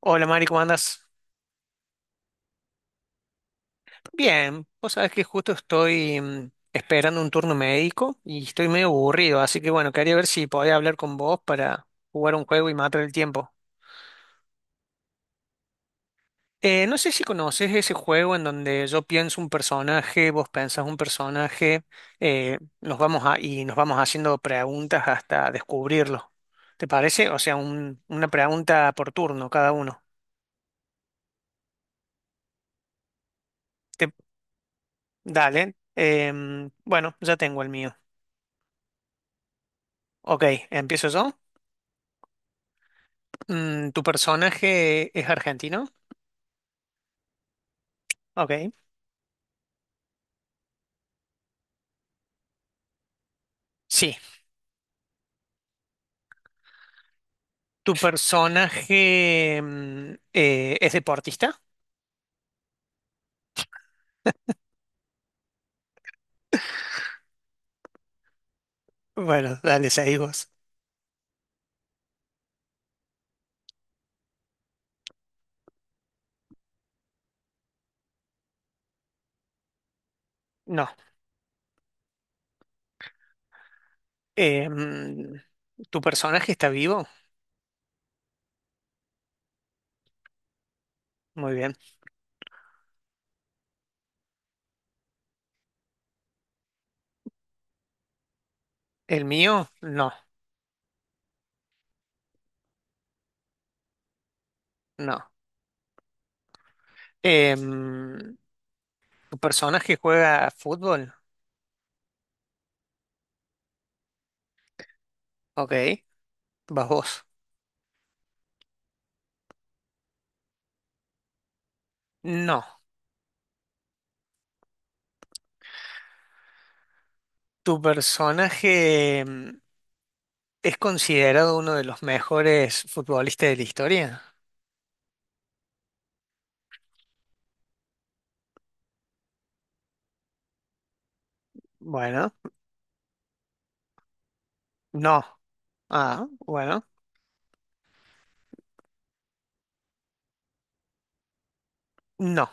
Hola Mari, ¿cómo andas? Bien, vos sabés que justo estoy esperando un turno médico y estoy medio aburrido, así que bueno, quería ver si podía hablar con vos para jugar un juego y matar el tiempo. No sé si conoces ese juego en donde yo pienso un personaje, vos pensás un personaje, y nos vamos haciendo preguntas hasta descubrirlo. ¿Te parece? O sea, una pregunta por turno cada uno. Te- Dale. Bueno, ya tengo el mío. Ok, empiezo yo. ¿Tu personaje es argentino? Ok. Sí. ¿Tu personaje es deportista? Bueno, dale, seguí vos. No. Eh, mm, ¿Tu personaje está vivo? Muy bien. ¿El mío? No, no. Eh, mm, ¿Tu personaje juega fútbol? Ok. ¿Vas vos? No. ¿Tu personaje es considerado uno de los mejores futbolistas de la historia? Bueno, no. Ah, bueno. No.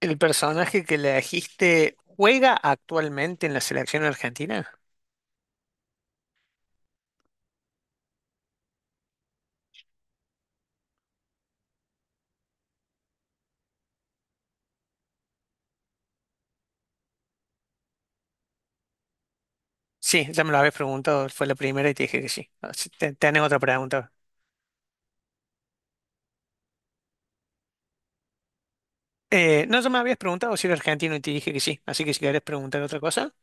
¿El personaje que le elegiste juega actualmente en la selección argentina? Sí, ya me lo habías preguntado, fue la primera y te dije que sí. Así, ¿tenés otra pregunta? No, ya me habías preguntado si era argentino y te dije que sí. Así que si querés preguntar otra cosa,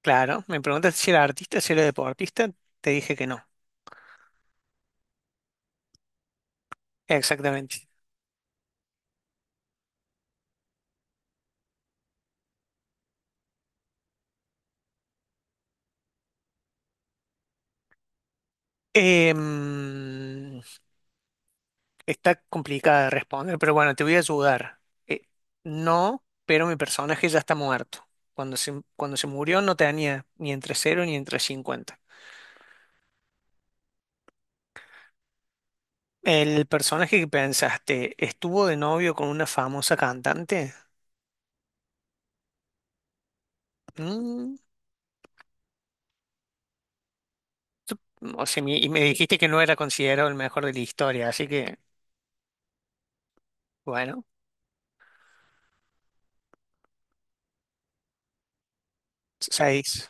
claro, me preguntaste si era artista, si era deportista, te dije que no. Exactamente. Em, Está complicada de responder, pero bueno, te voy a ayudar. Eh, no, pero mi personaje ya está muerto. Cuando se murió no tenía ni entre 0 ni entre 50. ¿El personaje que pensaste estuvo de novio con una famosa cantante? Mm, o sea, y me dijiste que no era considerado el mejor de la historia, así que, bueno, seis.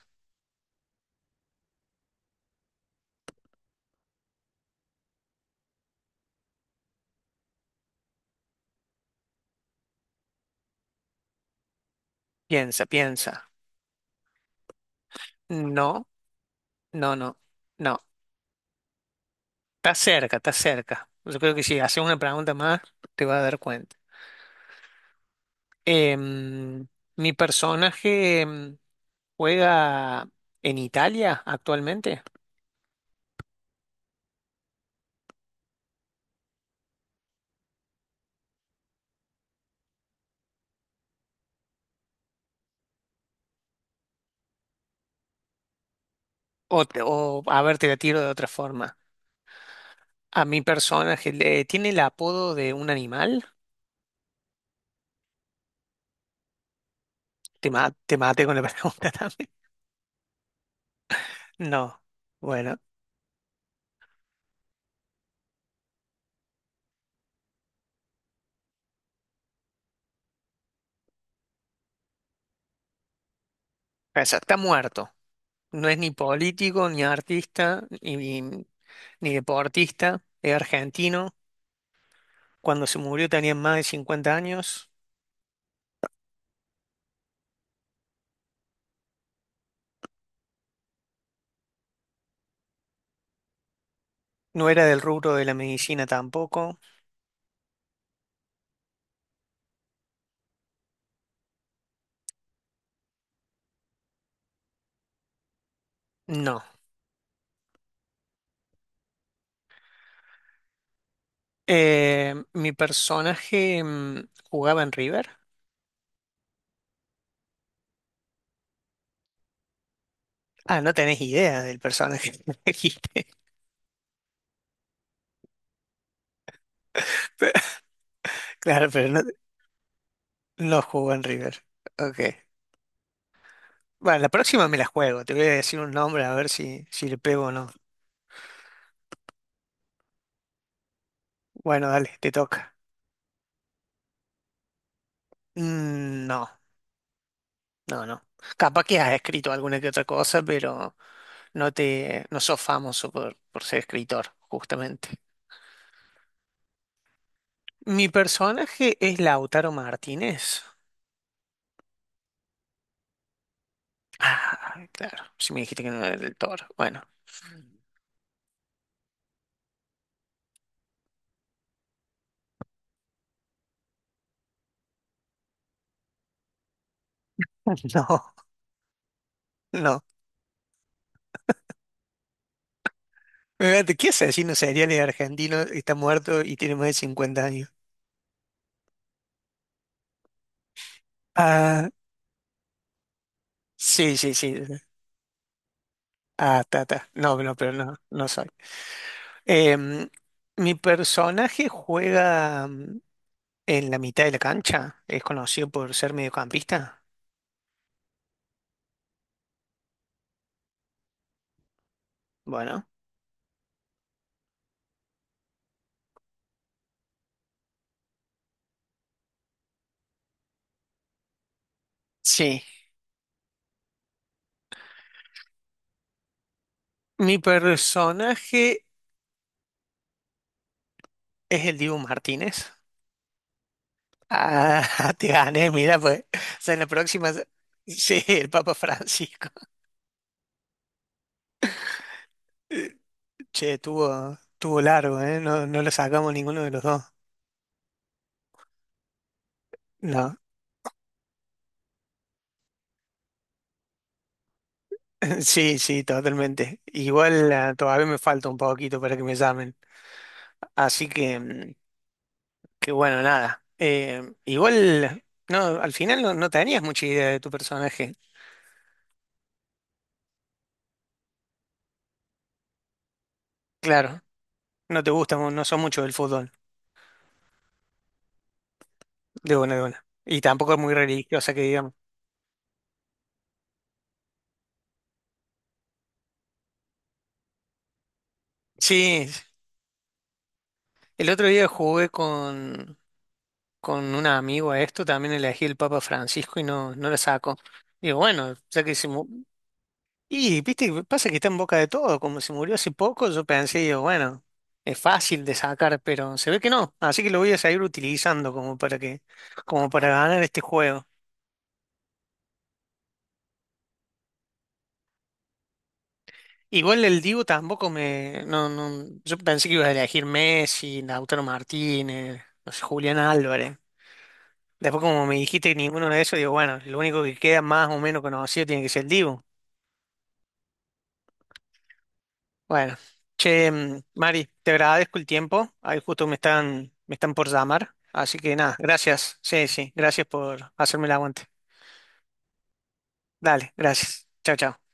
Piensa, piensa. No, no, no, no. Está cerca, está cerca. Yo creo que si haces una pregunta más, te vas a dar cuenta. Em, Mi personaje juega en Italia actualmente. O, a ver, te la tiro de otra forma. A mi personaje, ¿tiene el apodo de un animal? Te maté con la pregunta también. No. Bueno, o sea, está muerto. No es ni político, ni artista, ni deportista. Es argentino. Cuando se murió tenía más de 50 años. No era del rubro de la medicina tampoco. No. Mi personaje jugaba en River. Ah, no tenés idea del personaje que elegiste. Claro, pero no, no jugó en River. Ok. Bueno, la próxima me la juego. Te voy a decir un nombre a ver si le pego o no. Bueno, dale, te toca. No, no, no. Capaz que has escrito alguna que otra cosa, pero no sos famoso por ser escritor, justamente. Mi personaje es Lautaro Martínez. Ah, claro. Si me dijiste que no era del Toro. Bueno, No, no. Fíjate, ¿qué asesino serial es argentino? Está muerto y tiene más de 50 años. Ah, sí, sí, sí. Ah, ta, ta. No, no, pero no, no soy. Em, Mi personaje juega en la mitad de la cancha. Es conocido por ser mediocampista. Bueno, sí. Mi personaje es el Dibu Martínez. Ah, te gané, mira, pues. O sea, en la próxima. Sí, el Papa Francisco. Che, tuvo largo, ¿eh? No, no lo sacamos ninguno de los dos. No. Sí, sí, totalmente. Igual todavía me falta un poquito para que me llamen. Así que, que bueno, nada. Igual, no, al final no tenías mucha idea de tu personaje. Claro, no te gusta, no son mucho del fútbol, de buena de buena. Y tampoco es muy religiosa que digamos. Sí, el otro día jugué con un amigo a esto, también elegí el Papa Francisco y no lo saco. Digo, bueno, ya que Y, viste, que pasa que está en boca de todo. Como se murió hace poco, yo pensé, digo, bueno, es fácil de sacar, pero se ve que no. Así que lo voy a seguir utilizando como para ganar este juego. Igual el Dibu tampoco no, no, yo pensé que ibas a elegir Messi, Lautaro Martínez, no sé, Julián Álvarez. Después como me dijiste que ninguno de esos, digo, bueno, lo único que queda más o menos conocido tiene que ser el Dibu. Bueno, che, Mari, te agradezco el tiempo. Ahí justo me están por llamar. Así que nada, gracias. Sí, sí, gracias por hacerme el aguante. Dale, gracias. Chao, chao.